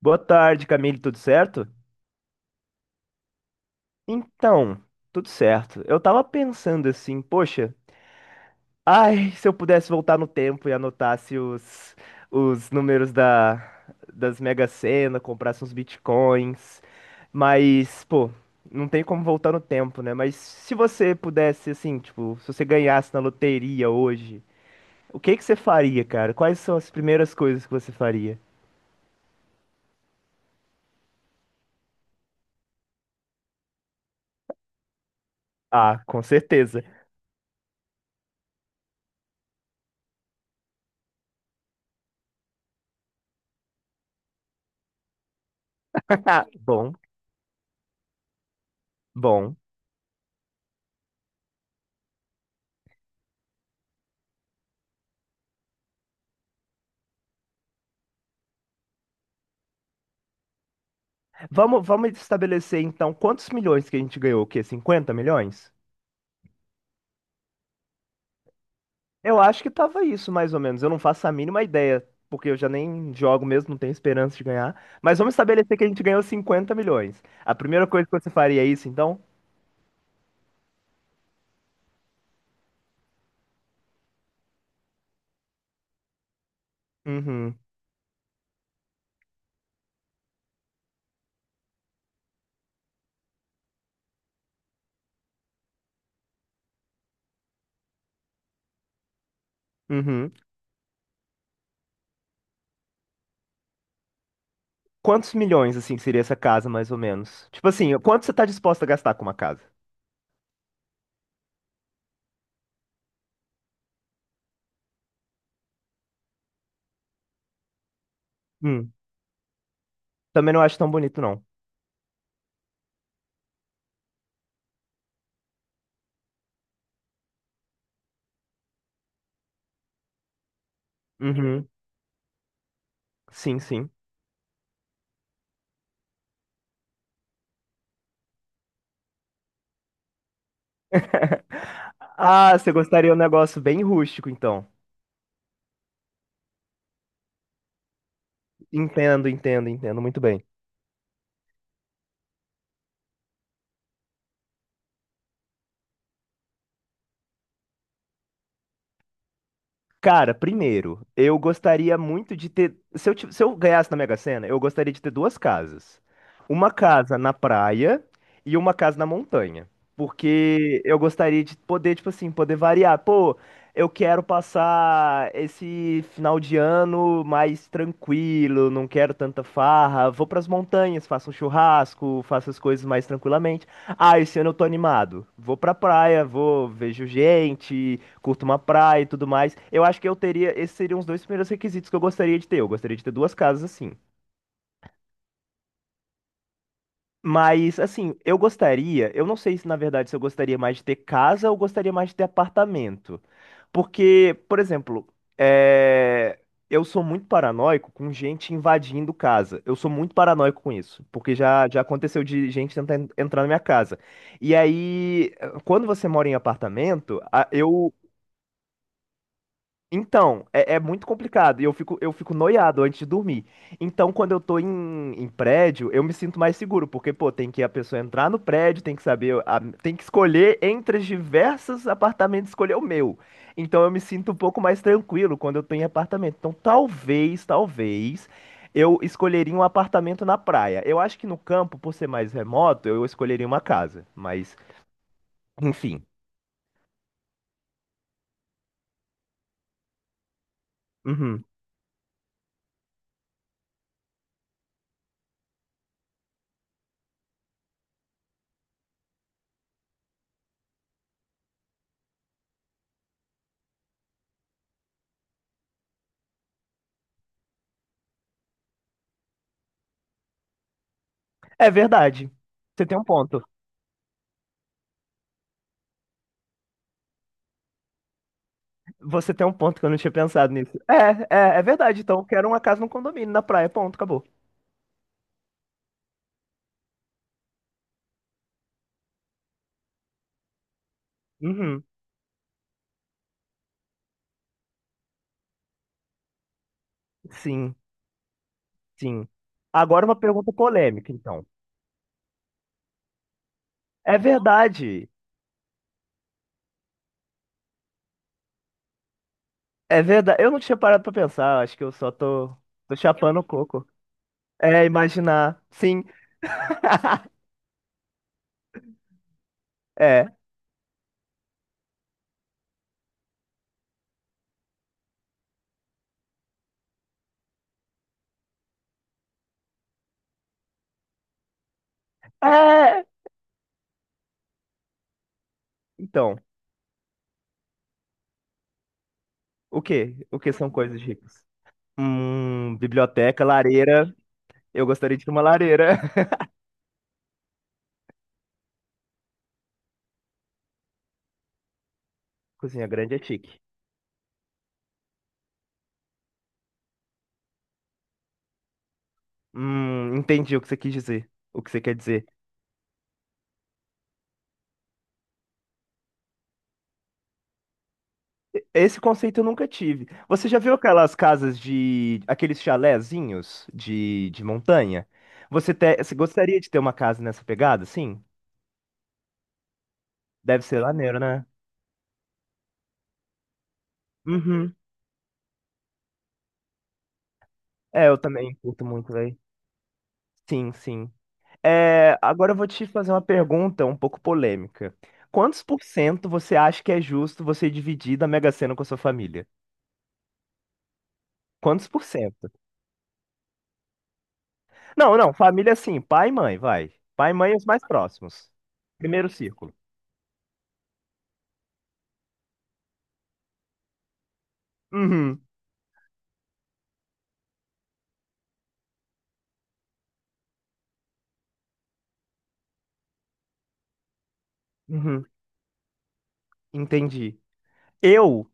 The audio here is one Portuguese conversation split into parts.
Boa tarde, Camille, tudo certo? Então, tudo certo. Eu tava pensando assim, poxa, ai, se eu pudesse voltar no tempo e anotasse os números das Mega Sena, comprasse uns bitcoins, mas, pô, não tem como voltar no tempo, né? Mas se você pudesse, assim, tipo, se você ganhasse na loteria hoje, o que que você faria, cara? Quais são as primeiras coisas que você faria? Ah, com certeza. Bom, bom. Vamos estabelecer então quantos milhões que a gente ganhou? O quê? 50 milhões? Eu acho que tava isso, mais ou menos. Eu não faço a mínima ideia, porque eu já nem jogo mesmo, não tenho esperança de ganhar. Mas vamos estabelecer que a gente ganhou 50 milhões. A primeira coisa que você faria é isso, então? Uhum, uhum. Quantos milhões, assim, seria essa casa, mais ou menos? Tipo assim, quanto você tá disposto a gastar com uma casa? Hum, também não acho tão bonito, não. Uhum, sim, sim. Ah, você gostaria de um negócio bem rústico, então. Entendo, entendo, entendo, muito bem. Cara, primeiro, eu gostaria muito de ter. Se se eu ganhasse na Mega Sena, eu gostaria de ter duas casas. Uma casa na praia e uma casa na montanha. Porque eu gostaria de poder, tipo assim, poder variar. Pô, eu quero passar esse final de ano mais tranquilo, não quero tanta farra. Vou pras montanhas, faço um churrasco, faço as coisas mais tranquilamente. Ah, esse ano eu tô animado. Vou pra praia, vou, vejo gente curto uma praia e tudo mais. Eu acho que eu teria, esses seriam os dois primeiros requisitos que eu gostaria de ter. Eu gostaria de ter duas casas assim. Mas, assim, eu gostaria, eu não sei se na verdade se eu gostaria mais de ter casa ou gostaria mais de ter apartamento. Porque, por exemplo, é, eu sou muito paranoico com gente invadindo casa. Eu sou muito paranoico com isso, porque já aconteceu de gente tentar entrar na minha casa. E aí, quando você mora em apartamento, a- eu, Então, é muito complicado e eu fico noiado antes de dormir. Então, quando eu tô em prédio, eu me sinto mais seguro, porque, pô, tem que a pessoa entrar no prédio, tem que saber, a- tem que escolher entre os diversos apartamentos, escolher o meu. Então, eu me sinto um pouco mais tranquilo quando eu tô em apartamento. Então, talvez, eu escolheria um apartamento na praia. Eu acho que no campo, por ser mais remoto, eu escolheria uma casa, mas, enfim. Uhum. É verdade. Você tem um ponto. Você tem um ponto que eu não tinha pensado nisso. É verdade. Então, eu quero uma casa num condomínio na praia. Ponto, acabou. Uhum. Sim, sim. Agora uma pergunta polêmica, então. É verdade. É verdade. Eu não tinha parado pra pensar. Acho que tô chapando o coco. É, imaginar. Sim, é. É. Então, o quê? O que são coisas ricas? Biblioteca, lareira. Eu gostaria de ter uma lareira. Cozinha grande é chique. Entendi o que você quis dizer. O que você quer dizer. Esse conceito eu nunca tive. Você já viu aquelas casas de, aqueles chalézinhos de montanha? Você gostaria de ter uma casa nessa pegada? Sim. Deve ser maneiro, né? Uhum. É, eu também curto muito, velho. Sim, sim. É, agora eu vou te fazer uma pergunta um pouco polêmica. Quantos por cento você acha que é justo você dividir da Mega Sena com a sua família? Quantos por cento? Não, não, família assim, pai e mãe, vai. Pai e mãe e os mais próximos. Primeiro círculo. Uhum. Uhum. Entendi. Eu,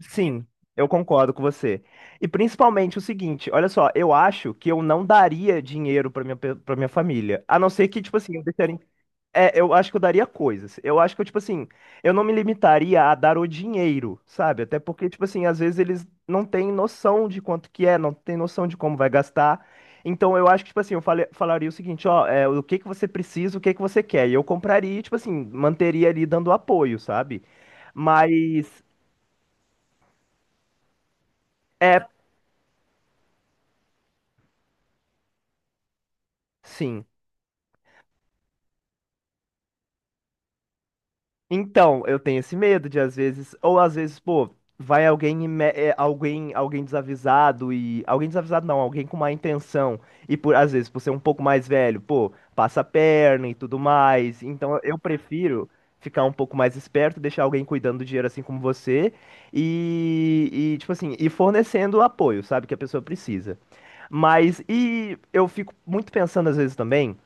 sim, eu concordo com você. E principalmente o seguinte, olha só, eu acho que eu não daria dinheiro para pra minha família. A não ser que, tipo assim, eu deixaria. É, eu acho que eu daria coisas. Eu acho que eu, tipo assim, eu não me limitaria a dar o dinheiro, sabe? Até porque, tipo assim, às vezes eles não têm noção de quanto que é, não têm noção de como vai gastar. Então eu acho que, tipo assim, eu falaria o seguinte, ó, é, o que que você precisa, o que que você quer. E eu compraria, e, tipo assim, manteria ali dando apoio, sabe? Mas, é, sim. Então, eu tenho esse medo de às vezes, ou às vezes, pô, vai alguém, e alguém, alguém desavisado e alguém desavisado não, alguém com má intenção e por às vezes por ser um pouco mais velho, pô, passa a perna e tudo mais. Então, eu prefiro ficar um pouco mais esperto, deixar alguém cuidando do dinheiro assim como você e tipo assim, e fornecendo o apoio, sabe, que a pessoa precisa. Mas e eu fico muito pensando às vezes também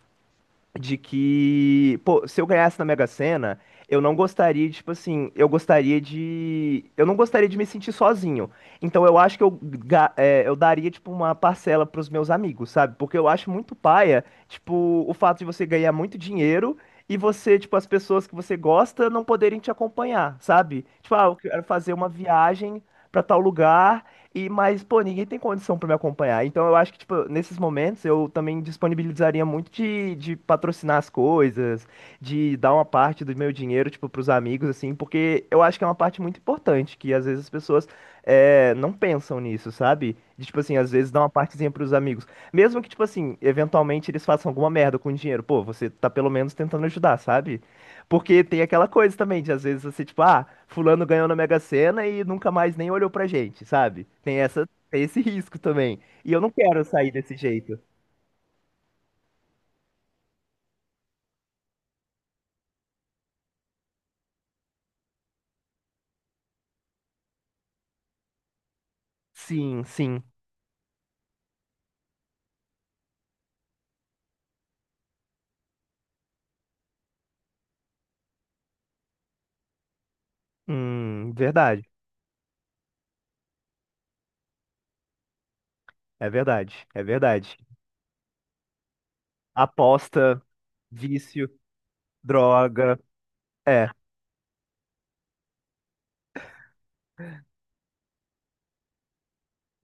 de que, pô, se eu ganhasse na Mega Sena, eu não gostaria, tipo assim, eu gostaria de, eu não gostaria de me sentir sozinho. Então eu acho que eu daria, tipo, uma parcela pros meus amigos, sabe? Porque eu acho muito paia, tipo, o fato de você ganhar muito dinheiro e você, tipo, as pessoas que você gosta não poderem te acompanhar, sabe? Tipo, ah, eu quero fazer uma viagem pra tal lugar e, mas, pô, ninguém tem condição pra me acompanhar. Então eu acho que, tipo, nesses momentos eu também disponibilizaria muito de patrocinar as coisas, de dar uma parte do meu dinheiro, tipo, pros amigos, assim, porque eu acho que é uma parte muito importante, que às vezes as pessoas não pensam nisso, sabe? De, tipo assim, às vezes dá uma partezinha pros amigos. Mesmo que, tipo assim, eventualmente eles façam alguma merda com o dinheiro, pô, você tá pelo menos tentando ajudar, sabe? Porque tem aquela coisa também, de às vezes você, tipo, ah, fulano ganhou na Mega Sena e nunca mais nem olhou pra gente, sabe? Tem esse risco também. E eu não quero sair desse jeito. Sim, sim. Verdade. É verdade. É verdade. Aposta, vício, droga. É.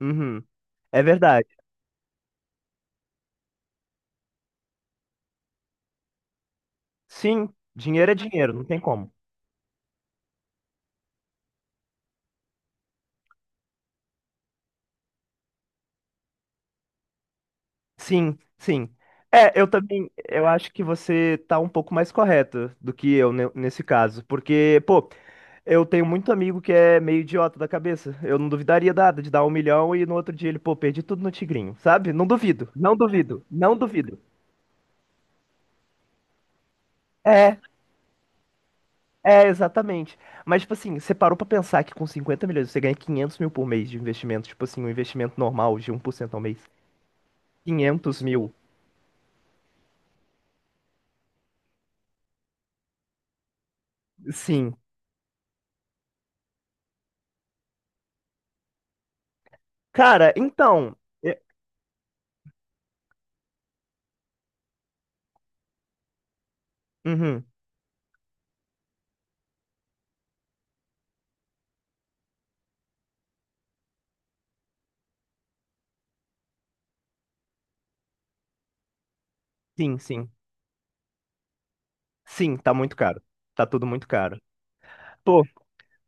Uhum. É verdade. Sim, dinheiro é dinheiro, não tem como. Sim, sim. É, eu também, eu acho que você tá um pouco mais correto do que eu nesse caso, porque, pô, eu tenho muito amigo que é meio idiota da cabeça. Eu não duvidaria nada de dar 1 milhão e no outro dia ele, pô, perdi tudo no Tigrinho, sabe? Não duvido, não duvido, não duvido. É, exatamente. Mas, tipo assim, você parou pra pensar que com 50 milhões você ganha 500 mil por mês de investimento, tipo assim, um investimento normal de 1% ao mês. 500 mil, sim. Cara, então. É. Uhum, sim, sim. Sim, tá muito caro. Tá tudo muito caro. Pô.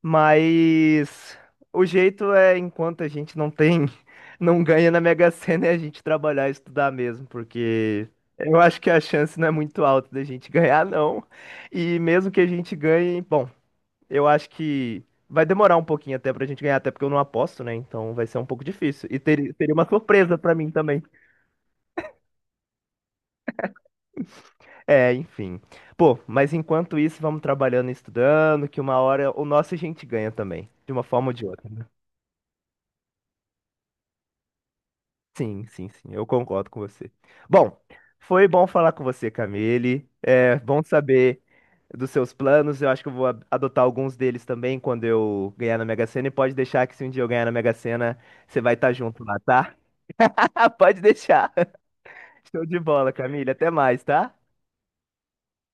Mas o jeito é, enquanto a gente não tem, não ganha na Mega Sena, é a gente trabalhar e estudar mesmo, porque eu acho que a chance não é muito alta da gente ganhar, não. E mesmo que a gente ganhe, bom, eu acho que vai demorar um pouquinho até pra gente ganhar, até porque eu não aposto, né? Então vai ser um pouco difícil. Teria uma surpresa pra mim também. É, enfim. Pô, mas enquanto isso, vamos trabalhando e estudando, que uma hora o nosso a gente ganha também, de uma forma ou de outra. Né? Sim, sim, sim, eu concordo com você. Bom, foi bom falar com você, Camille. É bom saber dos seus planos. Eu acho que eu vou adotar alguns deles também quando eu ganhar na Mega Sena. E pode deixar que se um dia eu ganhar na Mega Sena, você vai estar junto lá, tá? Pode deixar. Show de bola, Camille. Até mais, tá?